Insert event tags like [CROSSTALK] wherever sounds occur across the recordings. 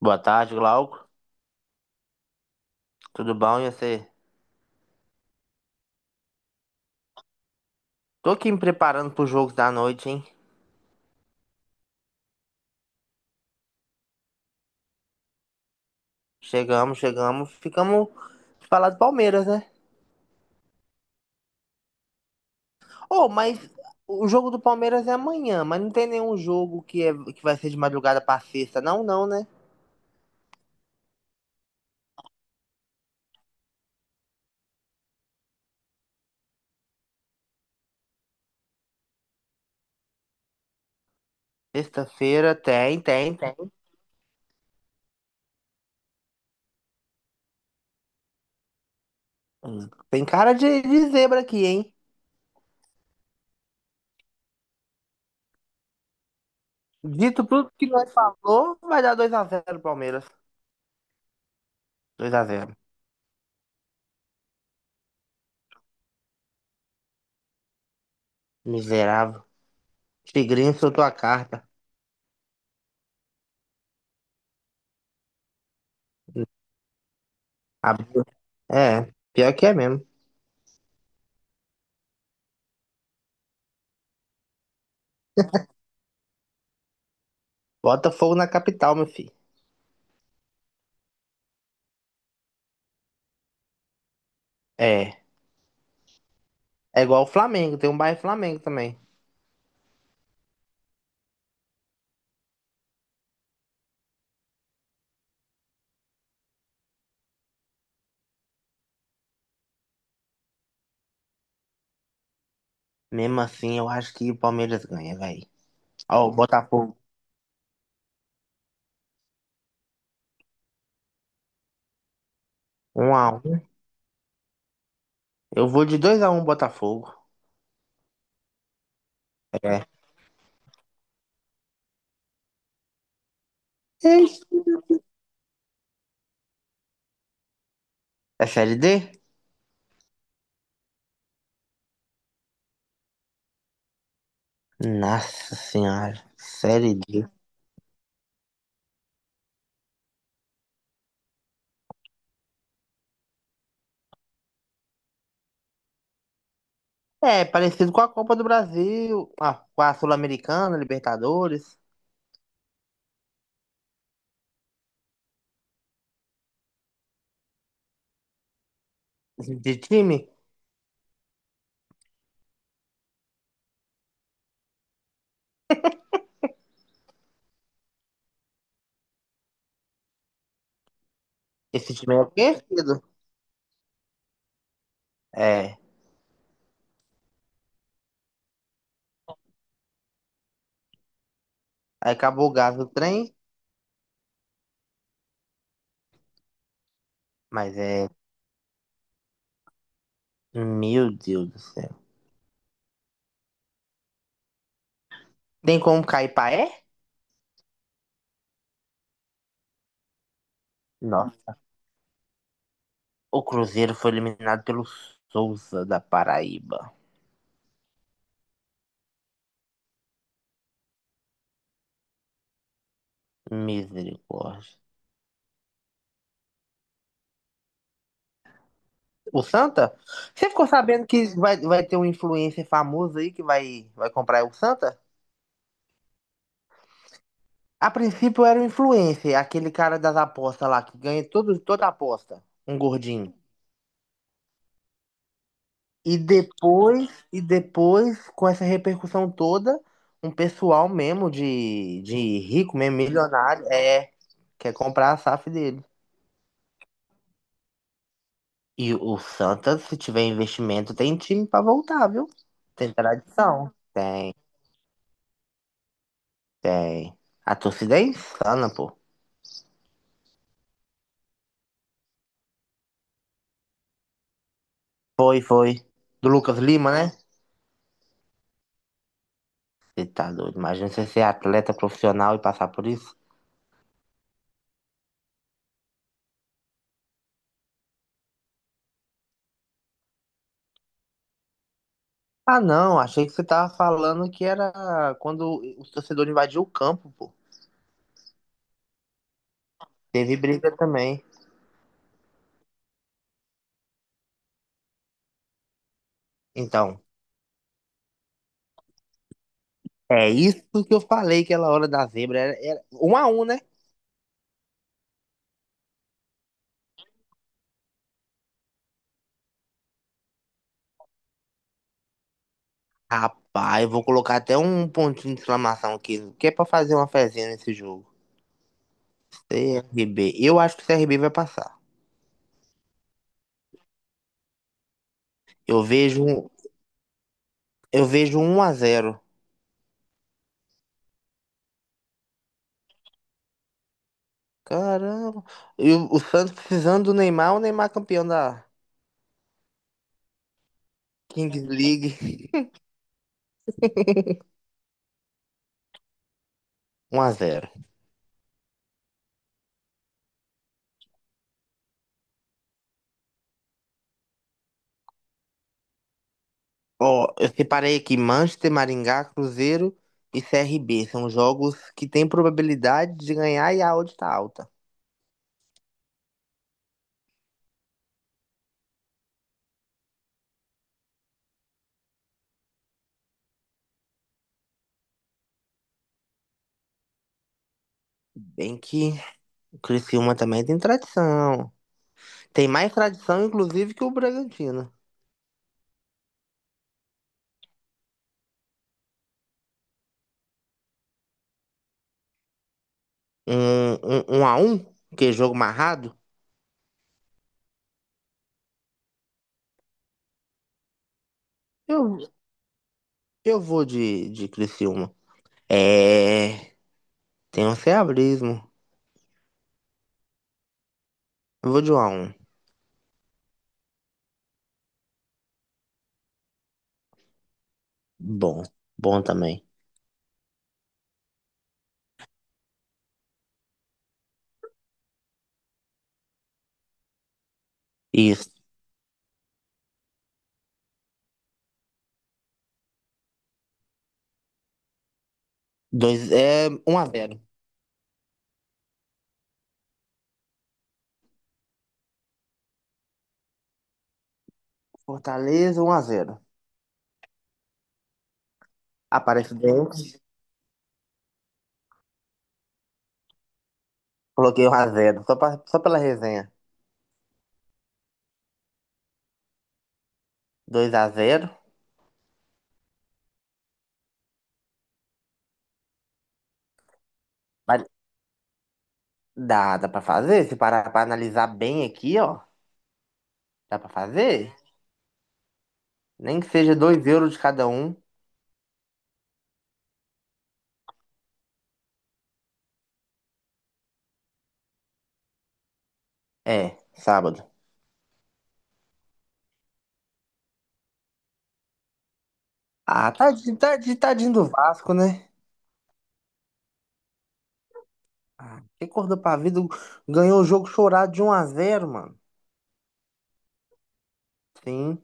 Boa tarde, Glauco. Tudo bom? E você? Tô aqui me preparando pro jogos da noite, hein? Chegamos, chegamos. Ficamos de falar do Palmeiras, né? Oh, mas o jogo do Palmeiras é amanhã, mas não tem nenhum jogo que vai ser de madrugada pra sexta, não, não, né? Sexta-feira tem, tem, tem. Hum. Tem cara de zebra aqui, hein? Dito tudo que nós falou, vai dar 2 a 0 Palmeiras. 2 a 0. Miserável. Tigrinho soltou a carta. Abriu. É, pior que é mesmo. Botafogo na capital, meu filho. É. É igual o Flamengo, tem um bairro Flamengo também. Mesmo assim, eu acho que o Palmeiras ganha, velho. Ó, o Botafogo, 1 a 1. Eu vou de 2 a 1 Botafogo. É. Ei, é Série D? Nossa Senhora. Série D. É, parecido com a Copa do Brasil, com a Sul-Americana, Libertadores. Esse de time? Esse time é conhecido. É. Aí acabou o gás do trem, mas é. Meu Deus do céu. Tem como cair paé? Nossa. O Cruzeiro foi eliminado pelo Souza da Paraíba. Misericórdia. O Santa? Você ficou sabendo que vai ter um influencer famoso aí que vai comprar o Santa? A princípio era o influencer, aquele cara das apostas lá, que ganha todo, toda aposta. Um gordinho. E depois, com essa repercussão toda, um pessoal mesmo de rico, mesmo milionário, quer comprar a SAF dele. E o Santa, se tiver investimento, tem time pra voltar, viu? Tem tradição. Tem, tem. A torcida é insana, pô. Foi, foi. Do Lucas Lima, né? Você tá doido. Imagina você ser atleta profissional e passar por isso. Ah, não. Achei que você tava falando que era quando os torcedores invadiu o campo, pô. Teve briga também. Então, é isso que eu falei que aquela hora da zebra. Era 1 a 1, né? Rapaz, eu vou colocar até um pontinho de exclamação aqui, que é pra fazer uma fezinha nesse jogo. CRB. Eu acho que o CRB vai passar. Eu vejo, um- eu vejo 1 a 0. Caramba. E o Santos precisando do Neymar, o Neymar campeão da Kings League. [LAUGHS] 1 a 0. Ó, eu separei aqui Manchester, Maringá, Cruzeiro e CRB. São jogos que têm probabilidade de ganhar e a odd tá alta. Bem que o Criciúma também tem tradição. Tem mais tradição, inclusive, que o Bragantino. Um a um, que é jogo marrado. Eu, Eu vou de Criciúma. É. Tem um ceabrismo. Eu vou de 1 a 1. Bom. Bom também. Isso. Dois, é 1 a 0. Fortaleza 1 a 0. Aparece Coloquei 1 a 0. Só pela resenha. 2 a 0. Mas dá pra fazer? Se parar pra analisar bem aqui, ó. Dá pra fazer? Nem que seja 2 euros de cada um. É, sábado. Ah, tadinho, tadinho, tadinho do Vasco, né? Ah, quem acordou pra vida ganhou o jogo chorado de 1 a 0, mano. Sim.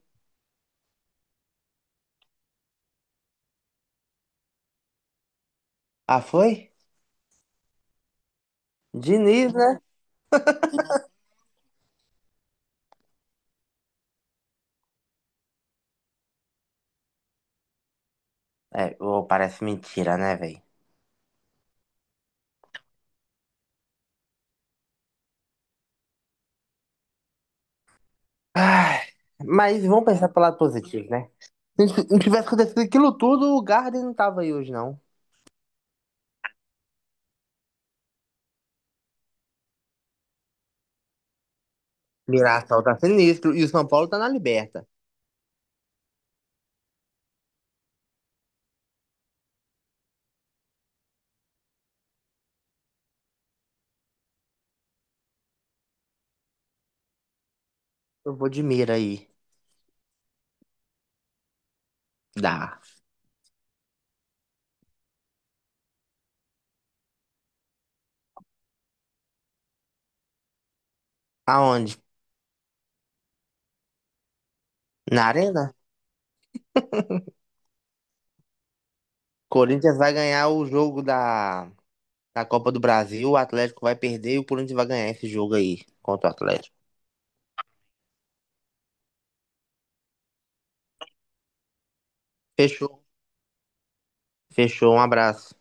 Ah, foi? Diniz, né? É, ô, parece mentira, né, velho? Ai, mas vamos pensar pelo lado positivo, né? Se não tivesse acontecido aquilo tudo, o Garden não tava aí hoje, não. Mirassol tá sinistro e o São Paulo tá na liberta. Eu vou de mira aí. Dá. Aonde? Na Arena? Corinthians vai ganhar o jogo da Copa do Brasil, o Atlético vai perder e o Corinthians vai ganhar esse jogo aí contra o Atlético. Fechou. Fechou, um abraço.